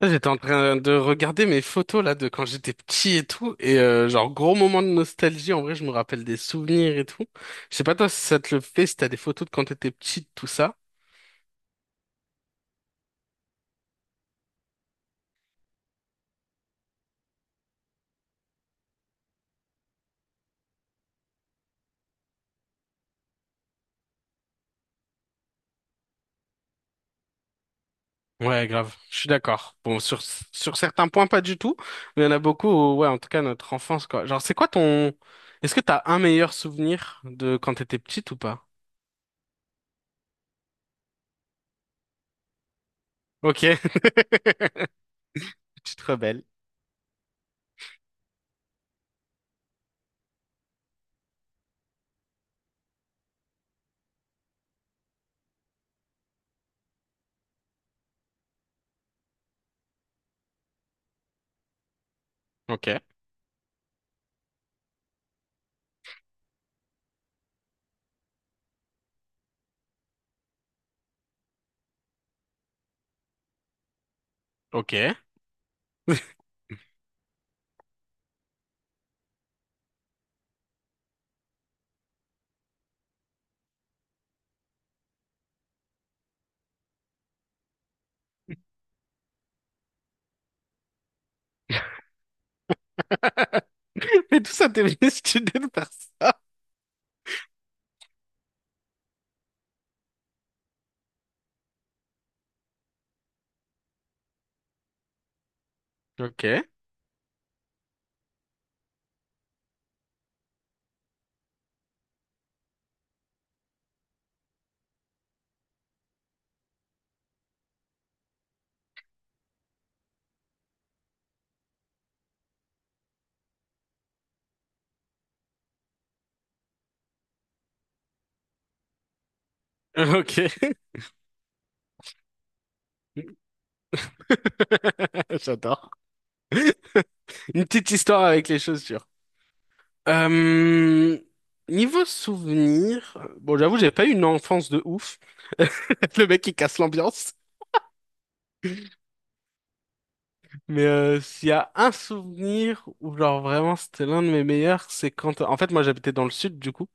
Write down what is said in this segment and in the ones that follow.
Là, j'étais en train de regarder mes photos là de quand j'étais petit et tout, et genre, gros moment de nostalgie. En vrai, je me rappelle des souvenirs et tout. Je sais pas toi si ça te le fait, si t'as des photos de quand t'étais petite, tout ça. Ouais, grave, je suis d'accord. Bon, sur certains points pas du tout, mais il y en a beaucoup où, ouais, en tout cas notre enfance, quoi. Genre c'est quoi ton, est-ce que t'as un meilleur souvenir de quand t'étais petite ou pas? Ok. Tu te rebelles. Ok. Ok. Mais tout ça t'es venu si tu de faire ça. Ok. Ok. J'adore. Une petite histoire avec les chaussures. Euh, niveau souvenir, bon, j'avoue, j'ai pas eu une enfance de ouf. Le mec, il casse l'ambiance. Mais s'il y a un souvenir où, genre, vraiment, c'était l'un de mes meilleurs, c'est quand... En fait, moi, j'habitais dans le sud, du coup.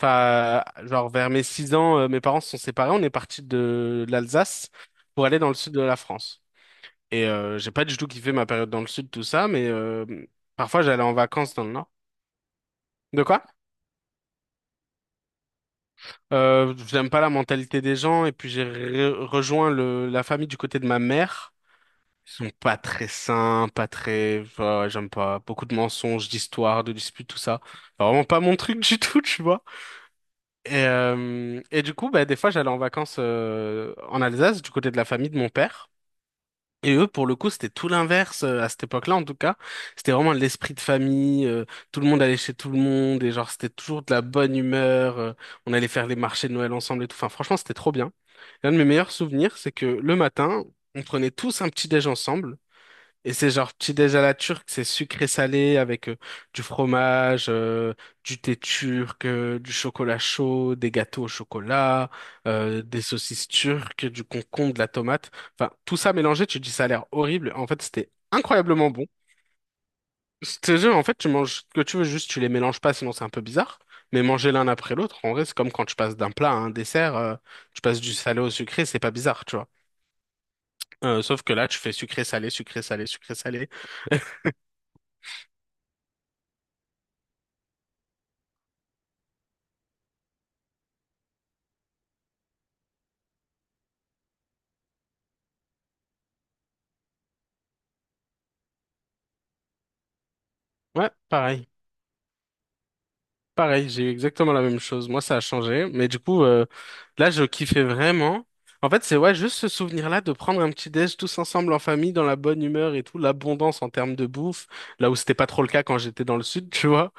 Enfin, genre, vers mes 6 ans, mes parents se sont séparés. On est parti de l'Alsace pour aller dans le sud de la France. Et j'ai pas du tout kiffé ma période dans le sud, tout ça, mais parfois, j'allais en vacances dans le nord. De quoi? J'aime pas la mentalité des gens et puis j'ai rejoint la famille du côté de ma mère. Ils sont pas très sains, pas très, enfin, ouais, j'aime pas beaucoup de mensonges, d'histoires, de disputes, tout ça. Enfin, vraiment pas mon truc du tout, tu vois. Et du coup, bah, des fois, j'allais en vacances en Alsace du côté de la famille de mon père. Et eux, pour le coup, c'était tout l'inverse à cette époque-là, en tout cas. C'était vraiment l'esprit de famille. Tout le monde allait chez tout le monde et genre c'était toujours de la bonne humeur. On allait faire les marchés de Noël ensemble et tout. Enfin, franchement, c'était trop bien. L'un de mes meilleurs souvenirs, c'est que le matin, on prenait tous un petit déj ensemble. Et c'est genre petit déj à la turque, c'est sucré salé avec du fromage, du thé turc, du chocolat chaud, des gâteaux au chocolat, des saucisses turques, du concombre, de la tomate. Enfin, tout ça mélangé, tu te dis ça a l'air horrible. En fait, c'était incroyablement bon. C'était jeu, en fait, tu manges ce que tu veux, juste tu les mélanges pas, sinon c'est un peu bizarre. Mais manger l'un après l'autre, en vrai, c'est comme quand tu passes d'un plat à un dessert, tu passes du salé au sucré, c'est pas bizarre, tu vois. Sauf que là, tu fais sucré salé, sucré salé, sucré salé. Ouais, pareil. Pareil, j'ai eu exactement la même chose. Moi, ça a changé. Mais du coup, là, je kiffais vraiment. En fait, c'est ouais, juste ce souvenir-là de prendre un petit déj tous ensemble en famille, dans la bonne humeur et tout, l'abondance en termes de bouffe, là où c'était pas trop le cas quand j'étais dans le sud, tu vois.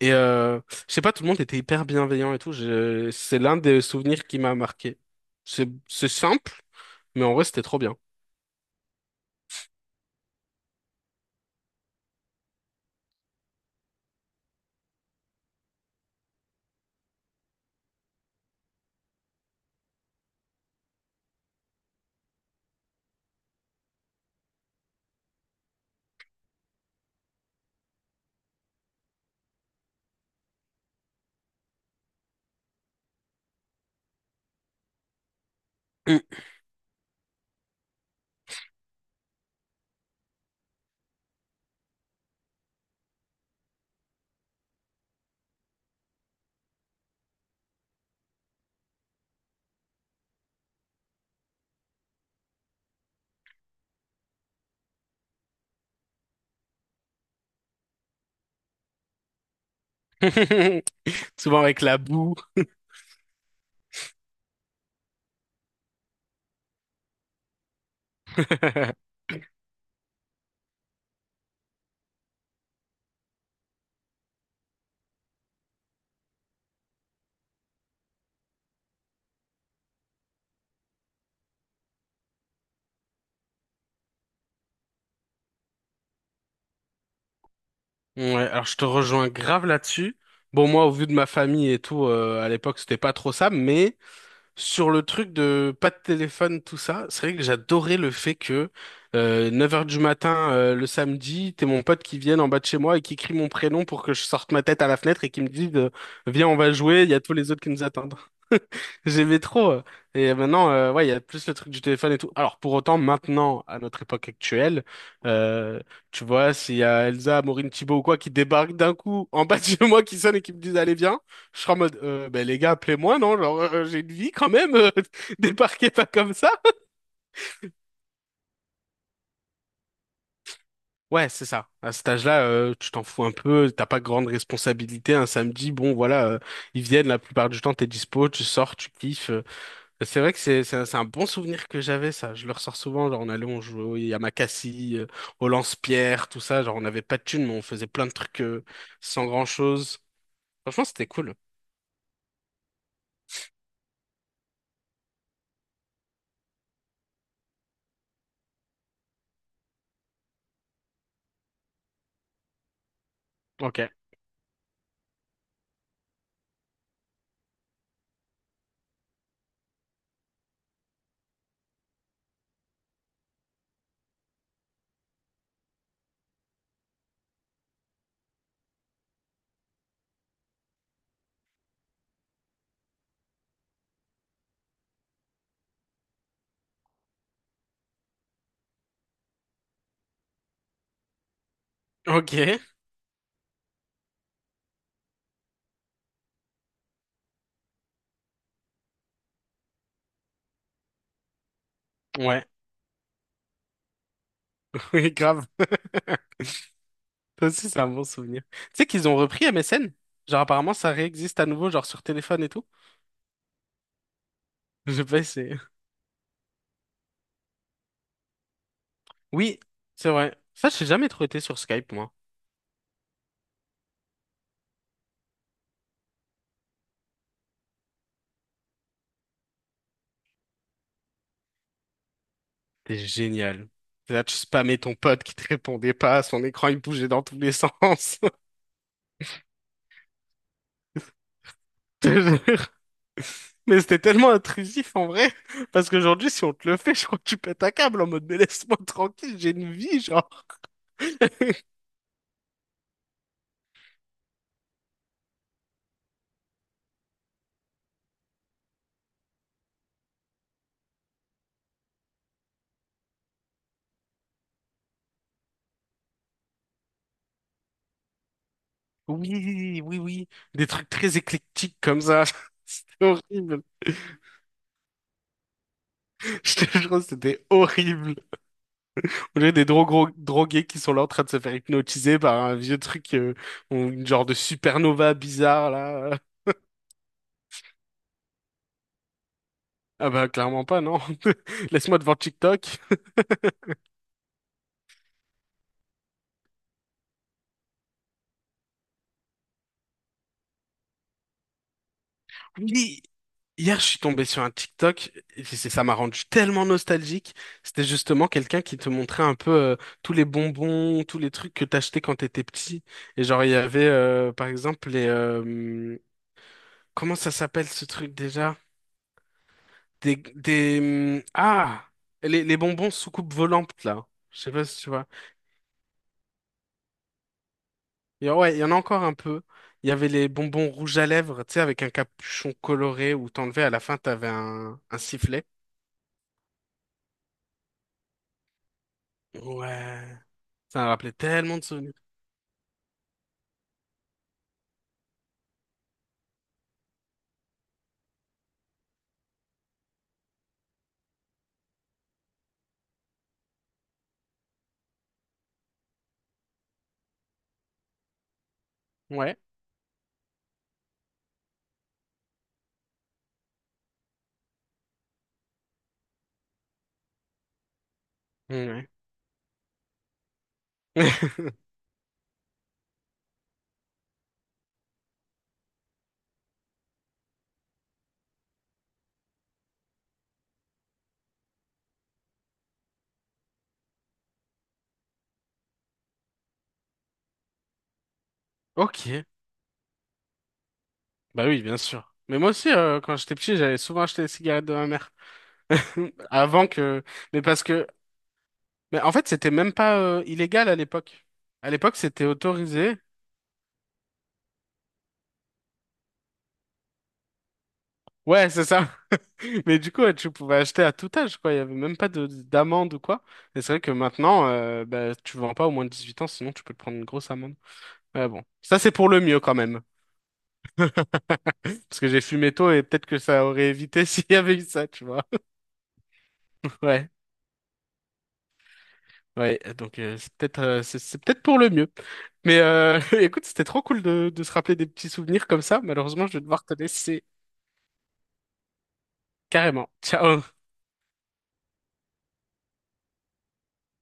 Et je sais pas, tout le monde était hyper bienveillant et tout. Je... C'est l'un des souvenirs qui m'a marqué. C'est simple, mais en vrai, c'était trop bien. Mm. Souvent avec la boue. Ouais, alors je te rejoins grave là-dessus. Bon, moi, au vu de ma famille et tout, à l'époque, c'était pas trop ça, mais sur le truc de pas de téléphone, tout ça, c'est vrai que j'adorais le fait que 9h du matin, le samedi, t'es mon pote qui vienne en bas de chez moi et qui crie mon prénom pour que je sorte ma tête à la fenêtre et qui me dise viens, on va jouer, il y a tous les autres qui nous attendent. J'aimais trop. Et maintenant, ouais, il y a plus le truc du téléphone et tout. Alors, pour autant, maintenant, à notre époque actuelle, euh, tu vois, s'il y a Elsa, Maureen Thibault ou quoi qui débarque d'un coup en bas de chez moi, qui sonne et qui me disent, allez, viens. Je serais en mode, ben, les gars, appelez-moi, non? Genre, j'ai une vie quand même, débarquez pas comme ça. Ouais, c'est ça. À cet âge-là, tu t'en fous un peu, t'as pas grande responsabilité. Un samedi, bon, voilà, ils viennent la plupart du temps, t'es dispo, tu sors, tu kiffes. C'est vrai que c'est un, c'est un bon souvenir que j'avais, ça. Je le ressors souvent, genre, on allait, on jouait à Makassi, au lance-pierre, tout ça. Genre, on avait pas de thunes, mais on faisait plein de trucs sans grand-chose. Franchement, c'était cool. Ok. Ok. Ouais. Oui, grave. Toi aussi, c'est un bon souvenir. Tu sais qu'ils ont repris M S N. Genre, apparemment, ça réexiste à nouveau, genre sur téléphone et tout. Je pas essayé. Oui, c'est vrai. Ça, j'ai jamais trop été sur Skype, moi. T'es génial. Là, tu spammais ton pote qui te répondait pas, son écran, il bougeait dans tous les sens. Je te jure. Mais c'était tellement intrusif, en vrai. Parce qu'aujourd'hui, si on te le fait, je crois que tu pètes un câble en mode, mais laisse-moi tranquille, j'ai une vie, genre. Oui, oui, oui. Des trucs très éclectiques comme ça. C'était horrible. Je te jure, c'était horrible. On a des drogués qui sont là en train de se faire hypnotiser par un vieux truc, ou une genre de supernova bizarre, là. Ah bah, clairement pas, non. Laisse-moi devant TikTok. Oui, hier, je suis tombé sur un TikTok, et ça m'a rendu tellement nostalgique. C'était justement quelqu'un qui te montrait un peu tous les bonbons, tous les trucs que t'achetais quand t'étais petit. Et genre, il y avait, par exemple, les... comment ça s'appelle ce truc déjà? Ah, les bonbons soucoupe volantes là. Je sais pas si tu vois. Ouais, il y en a encore un peu. Il y avait les bonbons rouges à lèvres, tu sais, avec un capuchon coloré où t'enlevais à la fin, t'avais un sifflet. Ouais. Ça me rappelait tellement de souvenirs. Ouais. Mmh. Ouais. Ok. Bah oui, bien sûr. Mais moi aussi, quand j'étais petit, j'allais souvent acheter des cigarettes de ma mère. Avant que... Mais parce que... Mais en fait, c'était même pas illégal à l'époque. À l'époque, c'était autorisé. Ouais, c'est ça. Mais du coup, ouais, tu pouvais acheter à tout âge, quoi. Il y avait même pas de d'amende ou quoi. Et c'est vrai que maintenant, bah, tu vends pas au moins de 18 ans, sinon tu peux te prendre une grosse amende. Ouais, bon. Ça, c'est pour le mieux quand même. Parce que j'ai fumé tôt et peut-être que ça aurait évité s'il y avait eu ça, tu vois. Ouais. Ouais. Donc, c'est peut-être c'est peut-être pour le mieux. Mais écoute, c'était trop cool de, se rappeler des petits souvenirs comme ça. Malheureusement, je vais devoir te laisser carrément. Ciao.